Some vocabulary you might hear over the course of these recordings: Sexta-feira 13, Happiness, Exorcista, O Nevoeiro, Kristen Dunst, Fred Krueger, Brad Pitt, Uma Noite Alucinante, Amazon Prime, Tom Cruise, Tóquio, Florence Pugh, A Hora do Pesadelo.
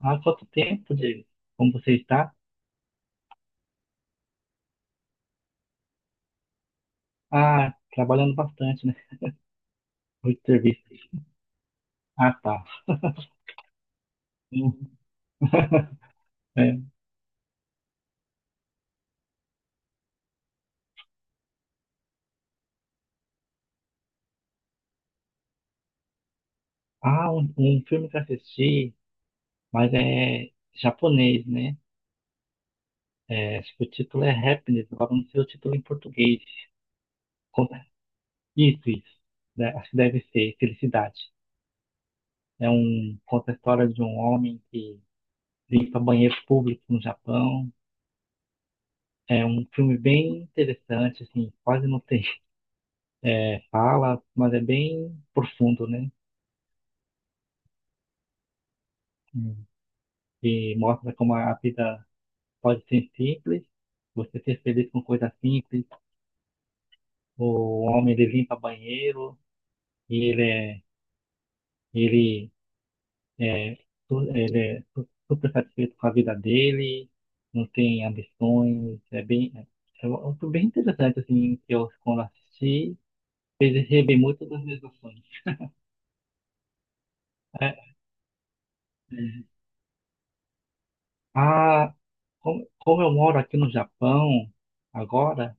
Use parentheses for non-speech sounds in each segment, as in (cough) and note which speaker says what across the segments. Speaker 1: Há quanto tempo, Diego? Como você está? Ah, trabalhando bastante, né? Muito serviço. Ah, tá. Uhum. (laughs) É. Ah, um filme que eu assisti, mas é japonês, né? É, acho que o título é Happiness, agora não sei o título em português. Conta- Isso, isso. Né, acho que deve ser Felicidade. Conta a história de um homem que limpa banheiro público no Japão. É um filme bem interessante, assim, quase não tem, fala, mas é bem profundo, né? Hum. E mostra como a vida pode ser simples, você ser feliz com coisas simples. O homem ele limpa banheiro e ele é, ele é super satisfeito com a vida dele, não tem ambições. É algo bem interessante assim que eu quando assisti fez rever muito das minhas ações. É, é. Ah, como eu moro aqui no Japão agora.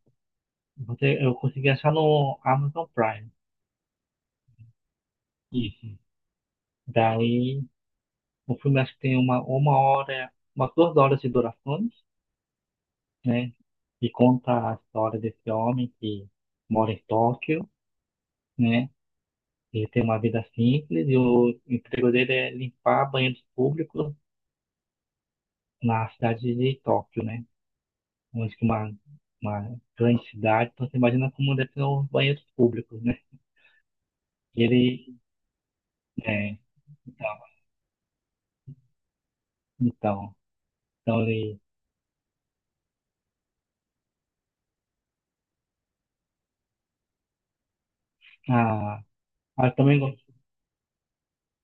Speaker 1: Eu consegui achar no Amazon Prime. Isso. Daí, o filme acho que tem uma hora, umas duas horas de durações, né? E conta a história desse homem que mora em Tóquio, né? Ele tem uma vida simples e o emprego dele é limpar banheiros públicos na cidade de Tóquio, né? Onde que uma grande cidade, então você imagina como deve ser os banheiros públicos, né? E ele, é, então, então, então ele, a Ah, eu também gosto.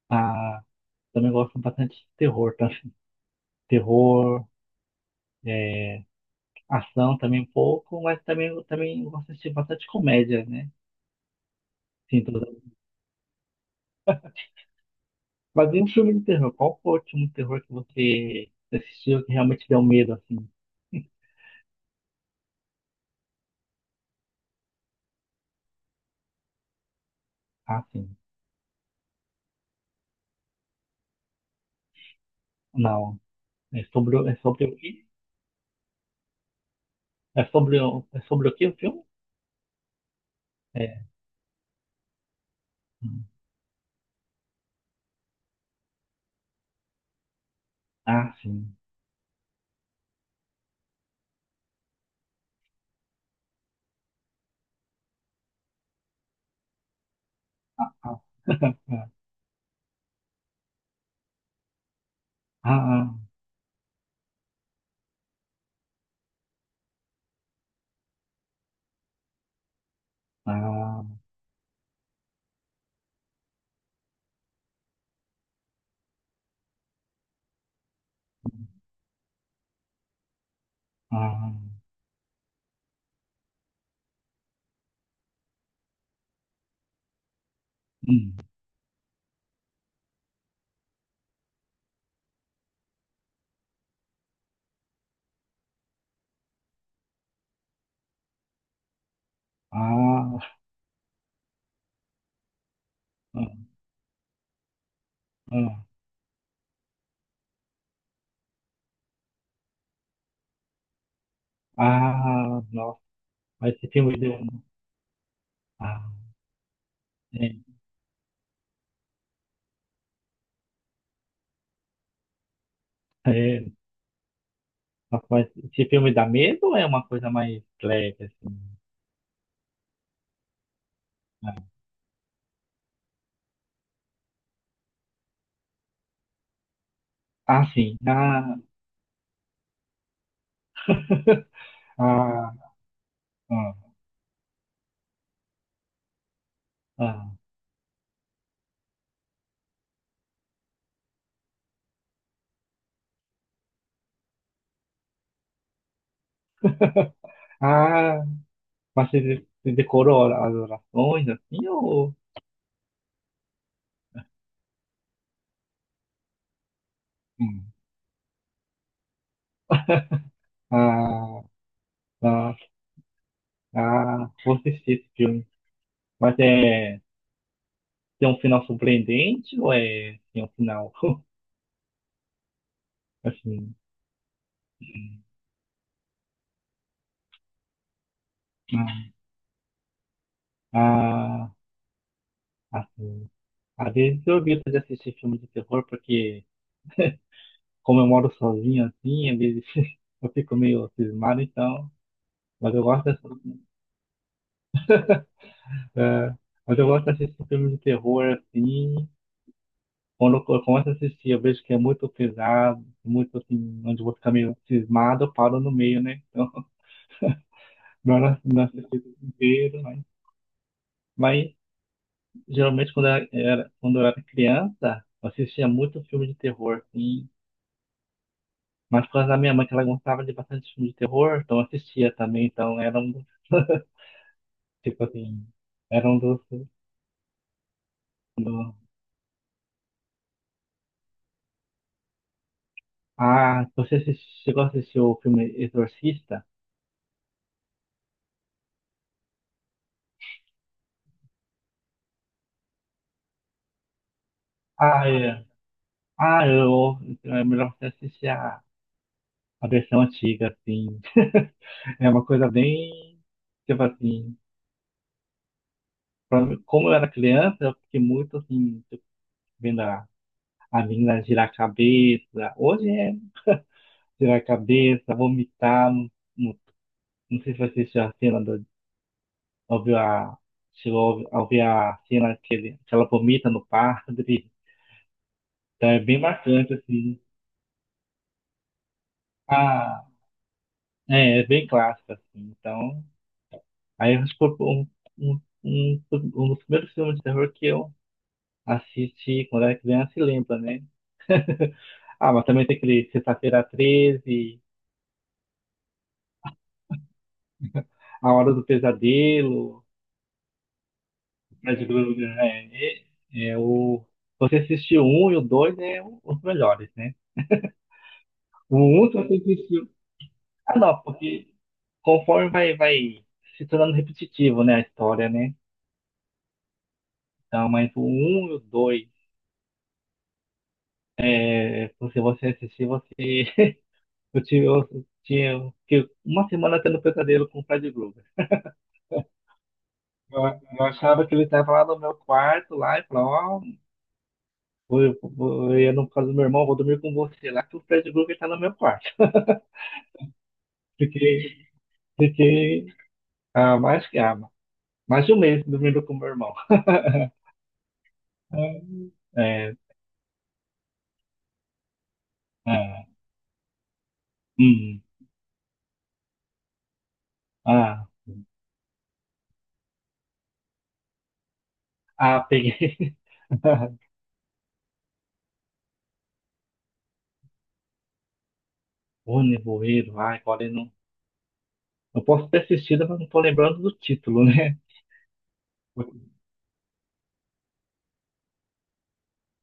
Speaker 1: Ah, também gosto bastante de terror, tá? Terror, é, ação também um pouco, mas também eu também gosto de assistir bastante comédia, né? Sim, tudo. Mas e um filme de terror? Qual foi o último terror que você assistiu que realmente deu medo, assim? Ah, sim. Não. É sobre, é sobre o quê? É sobre, é sobre o quê o filme? É. Hum. Ah, sim. Ah, (laughs) ah, ah, ah, ah, hum, ah, ah, ah. Ah. Ah, nossa, mas esse filme deu. Ah, é, é, nossa, mas esse filme dá medo ou é uma coisa mais leve, assim? Ah, ah, sim. Ah, (laughs) ah, ah, ah. (laughs) Ah, mas você você decorou as orações, assim, ou. Hum. Ah, ah, ah, vou assistir esse filme. Mas é. Tem um final surpreendente ou é. Tem um final, (laughs) assim. Hum, ah, ah, assim. Às vezes eu evito de assistir filme de terror, porque como eu moro sozinho assim, às vezes (laughs) eu fico meio cismado, então. Mas eu gosto dessa- é, mas eu gosto de assistir filme de terror assim. Quando eu começo a assistir, eu vejo que é muito pesado, muito assim, onde eu vou ficar meio cismado, eu paro no meio, né? Então, (laughs) melhor não assistir tudo inteiro, mas, mas geralmente quando eu era criança, eu assistia muito filme de terror, assim. Mas por causa da minha mãe, que ela gostava de bastante filme de terror, então eu assistia também, então era um dos, (laughs) tipo assim, era um dos, do- Ah, você chegou a assistir o filme Exorcista? Ah, é. Ah, eu, então é melhor você assistir a versão antiga, assim, é uma coisa bem, tipo assim, como eu era criança, eu fiquei muito, assim, tipo, vendo a menina girar a cabeça, hoje é girar a cabeça, vomitar, não, não sei se você assistiu a cena Ouviu a, chegou a ouvir a cena que, que ela vomita no padre. Então é bem marcante, assim. Ah, é, é bem clássico, assim. Então, aí acho que foi um dos primeiros filmes de terror que eu assisti quando era criança e lembra, né? Ah, mas também tem aquele Sexta-feira 13, A Hora do Pesadelo, Fred Krueger, é o... Você assistiu um e o dois é os melhores, né? O um você assistiu... Ah, não, porque... conforme vai se tornando repetitivo, né, a história, né? Então, mas o 1 e o 2, se você assistir, você. (laughs) Eu, tive, eu tinha fiquei uma semana tendo pesadelo com o Fred Krueger. Eu, eu achava que ele estava lá no meu quarto, lá, e falava, ó, eu ia no caso do meu irmão, vou dormir com você lá, que o Fred Krueger está no meu quarto. (laughs) Fiquei, fiquei ah, mais que ah, mais de um mês dormindo com o meu irmão. (laughs) É, é, ah, hum, ah, ah, peguei. (laughs) O Nevoeiro, ai, agora eu não. Eu posso ter assistido, mas não tô lembrando do título, né?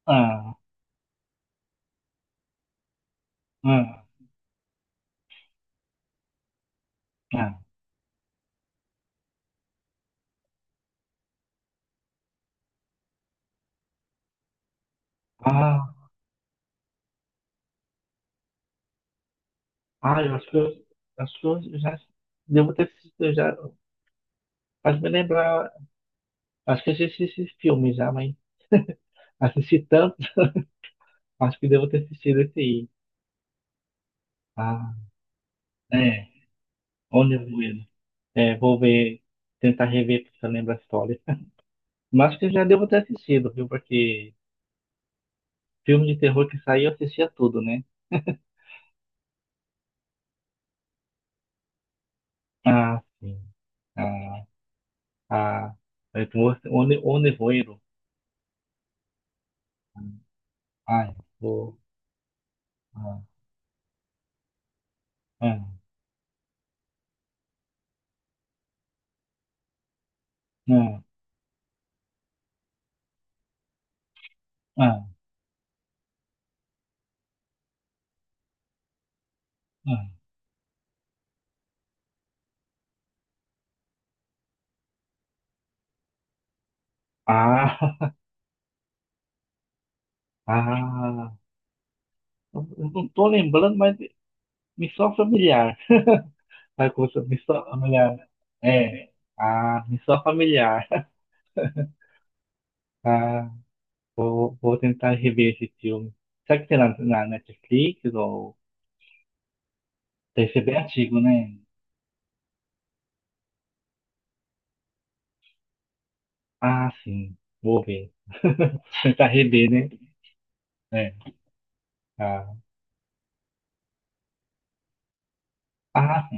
Speaker 1: Ah, ah, ah, ah, ah, acho que eu já devo ter assistido, eu já. Faz me lembrar, acho que eu já assisti esse filme já, mas assisti tanto, acho que devo ter assistido esse aí. Ah, é, O Nevoeiro. É, vou ver, tentar rever porque eu lembro a história. Mas acho que eu já devo ter assistido, viu? Porque filme de terror que saiu eu assistia tudo, né? Ah, sim. Ah. 아, 무엇, 오늘, 오늘 뭐해로? 아, 뭐, 아, 응, 응, 응, 응. Ah, (laughs) ah, ah. Ah, ah. (laughs) Eu não estou lembrando, mas missão familiar. (laughs) Vai com essa missão familiar. É, ah, missão familiar. (laughs) Ah, vou tentar rever esse filme. Será que tem na Netflix ou deve ser bem antigo, né? Ah, sim, vou ver. (laughs) Tentar rever, né? É. Ah, ah,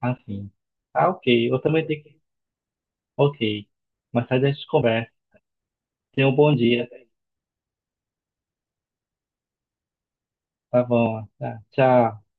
Speaker 1: assim. Ah, ok. Eu também tenho que. Ok. Mas sai dessa conversa. Tenha um bom dia. Tá bom. Tá. Tchau.